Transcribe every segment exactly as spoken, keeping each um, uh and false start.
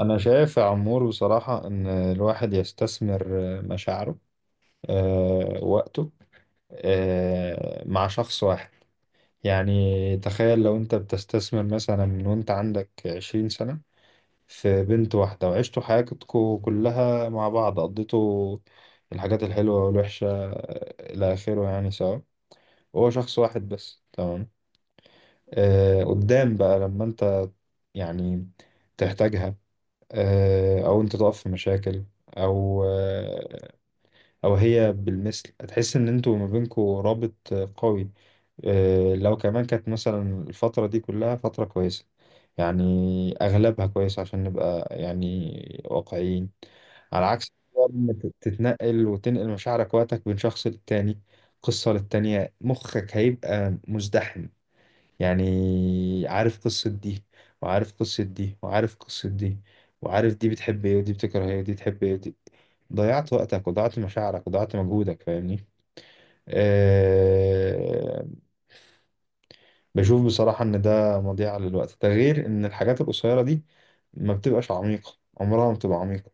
أنا شايف يا عمور بصراحة إن الواحد يستثمر مشاعره، آه، وقته، آه، مع شخص واحد. يعني تخيل لو أنت بتستثمر مثلا من وأنت عندك عشرين سنة في بنت واحدة، وعشتوا حياتكم كلها مع بعض، قضيتوا الحاجات الحلوة والوحشة آه، إلى آخره يعني سوا، هو شخص واحد بس. تمام، آه، قدام بقى لما أنت يعني تحتاجها، آه، او انت تقف في مشاكل، او آه، او هي بالمثل، هتحس ان انتوا ما بينكوا رابط آه، قوي. آه، لو كمان كانت مثلا الفترة دي كلها فترة كويسة، يعني اغلبها كويس عشان نبقى يعني واقعيين. على عكس لما تت- تتنقل وتنقل مشاعرك وقتك بين شخص للتاني، قصة للتانية، مخك هيبقى مزدحم. يعني عارف قصة دي وعارف قصة دي وعارف قصة دي، وعارف دي بتحب ايه ودي بتكره ايه ودي بتحب ايه ودي، ضيعت وقتك وضيعت مشاعرك وضيعت مجهودك. فاهمني؟ أه. بشوف بصراحة ان ده مضيعة للوقت. ده غير ان الحاجات القصيرة دي ما بتبقاش عميقة، عمرها ما بتبقى عميقة.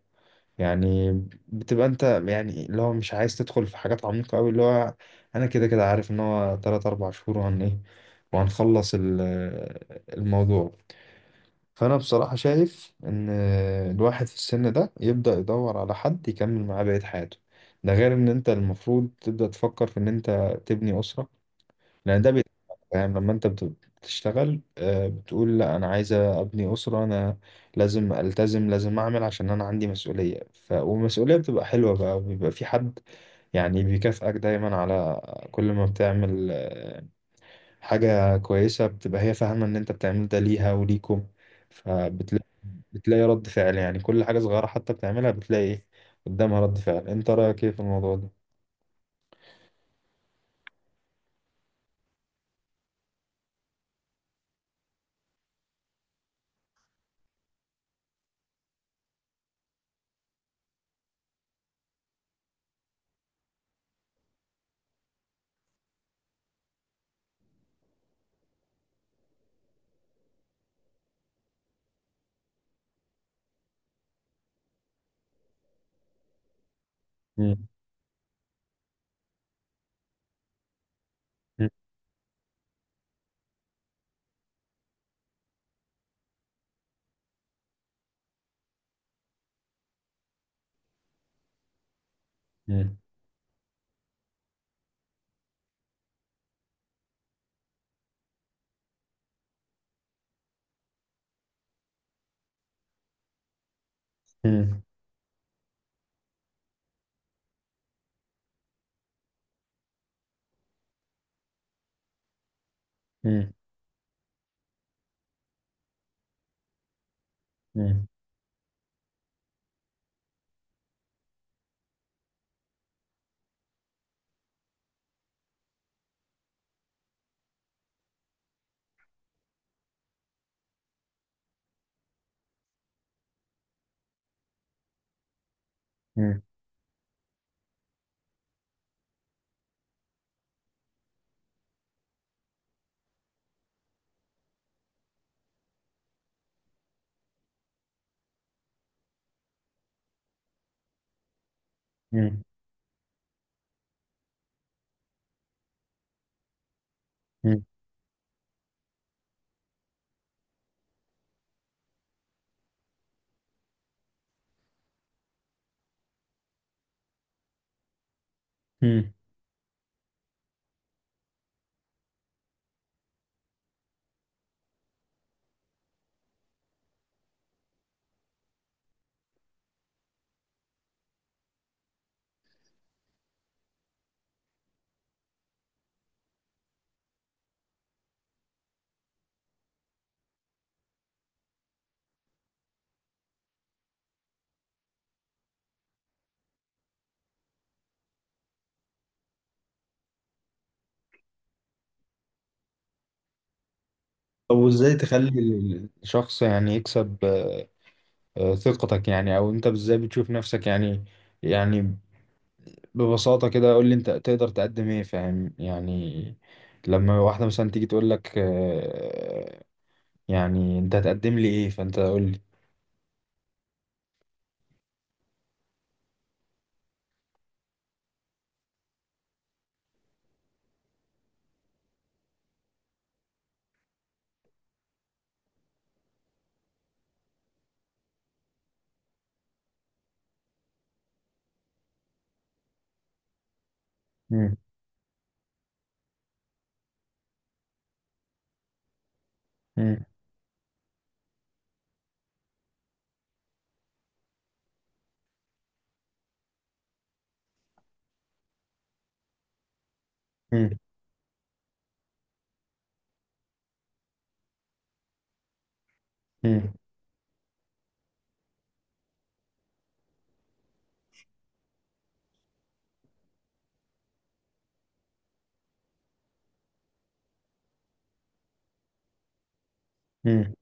يعني بتبقى انت يعني اللي هو مش عايز تدخل في حاجات عميقة قوي، اللي هو انا كده كده عارف ان هو ثلاثة أربعة شهور وهن ايه وهنخلص ال- الموضوع. فأنا بصراحة شايف إن الواحد في السن ده يبدأ يدور على حد يكمل معاه بقية حياته. ده غير إن أنت المفروض تبدأ تفكر في إن أنت تبني أسرة، لأن ده بي-. فاهم لما أنت بت- بتشتغل آه، بتقول لا أنا عايزة أبني أسرة، أنا لازم ألتزم، لازم أعمل عشان أنا عندي مسؤولية ف... والمسؤولية بتبقى حلوة بقى، وبيبقى في حد يعني بيكافئك دايما على كل ما بتعمل آه، حاجة كويسة، بتبقى هي فاهمة إن أنت بتعمل ده ليها وليكم. فبتلاقي بتلاقي رد فعل، يعني كل حاجة صغيرة حتى بتعملها بتلاقي إيه قدامها، رد فعل. أنت رأيك إيه في الموضوع ده؟ مم. مم. مم. مم. مم. مم. مم. مم. مم. طب وإزاي تخلي ال- الشخص يعني يكسب آه، آه، ثقتك؟ يعني أو أنت إزاي بتشوف نفسك يعني، يعني ببساطة كده قول لي أنت تقدر تقدم إيه؟ فاهم يعني لما واحدة مثلا تيجي تقول لك آه، يعني أنت هتقدم لي إيه، فأنت قول لي. مم. مم. مم. مم.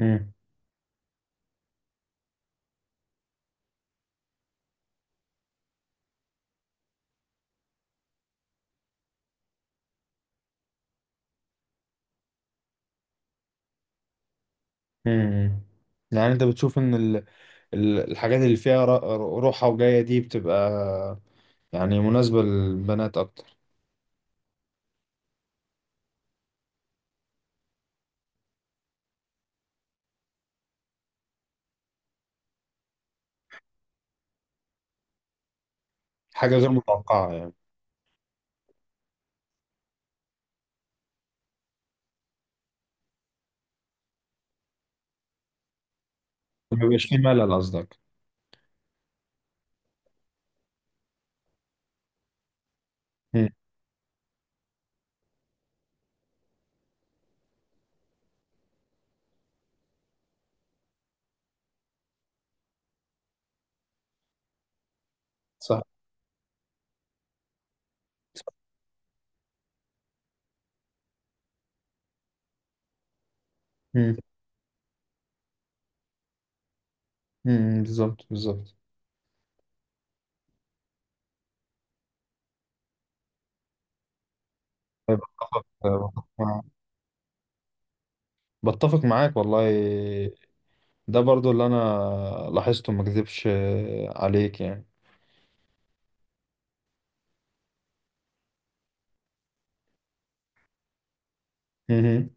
مم. مم. يعني انت بتشوف ان ال- ال- الحاجات اللي فيها ر- روحة وجاية دي بتبقى يعني مناسبة للبنات اكتر؟ حاجة غير متوقعة يعني. ما بيبقاش فيه ملل قصدك؟ مم. صح. مم. مم. بالظبط بالظبط. بتفق مع- بتفق معاك والله، ده برضو اللي انا لاحظته، ما اكذبش عليك يعني. مم.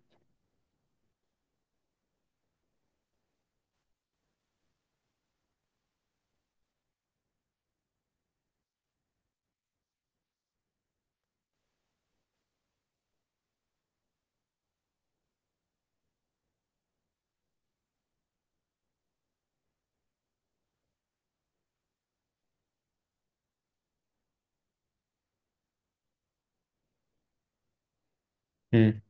مم.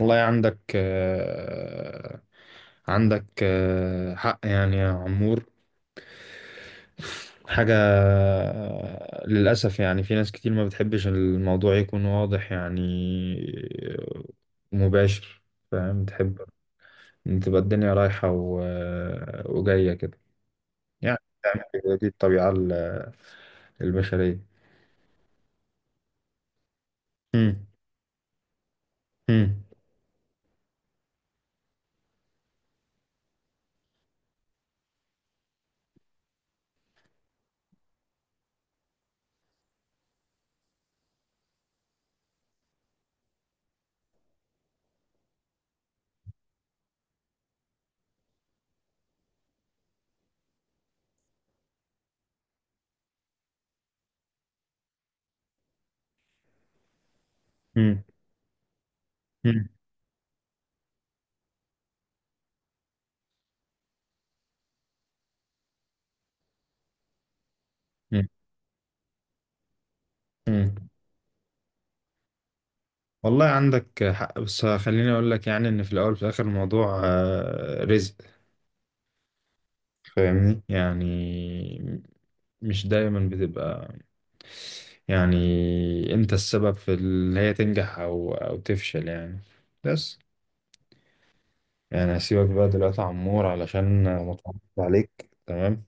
والله عندك آه، عندك آه، حق يعني يا عمور. حاجة، للأسف يعني في ناس كتير ما بتحبش الموضوع يكون واضح يعني، مباشر. فاهم؟ تحب إن تبقى الدنيا رايحة و... وجاية كده، يعني تعمل كده، دي الطبيعة ال- البشرية. مم. مم. مم. مم. مم. مم. والله عندك حق، بس خليني أقول لك يعني إن في الأول وفي الآخر الموضوع آه، رزق. فاهمني يعني، مش دايما بتبقى يعني انت السبب في اللي هي تنجح او او تفشل يعني. بس يعني هسيبك بقى دلوقتي يا عمور علشان ما اطولش عليك. تمام،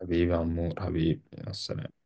حبيبي يا عمور، حبيبي، مع السلامة.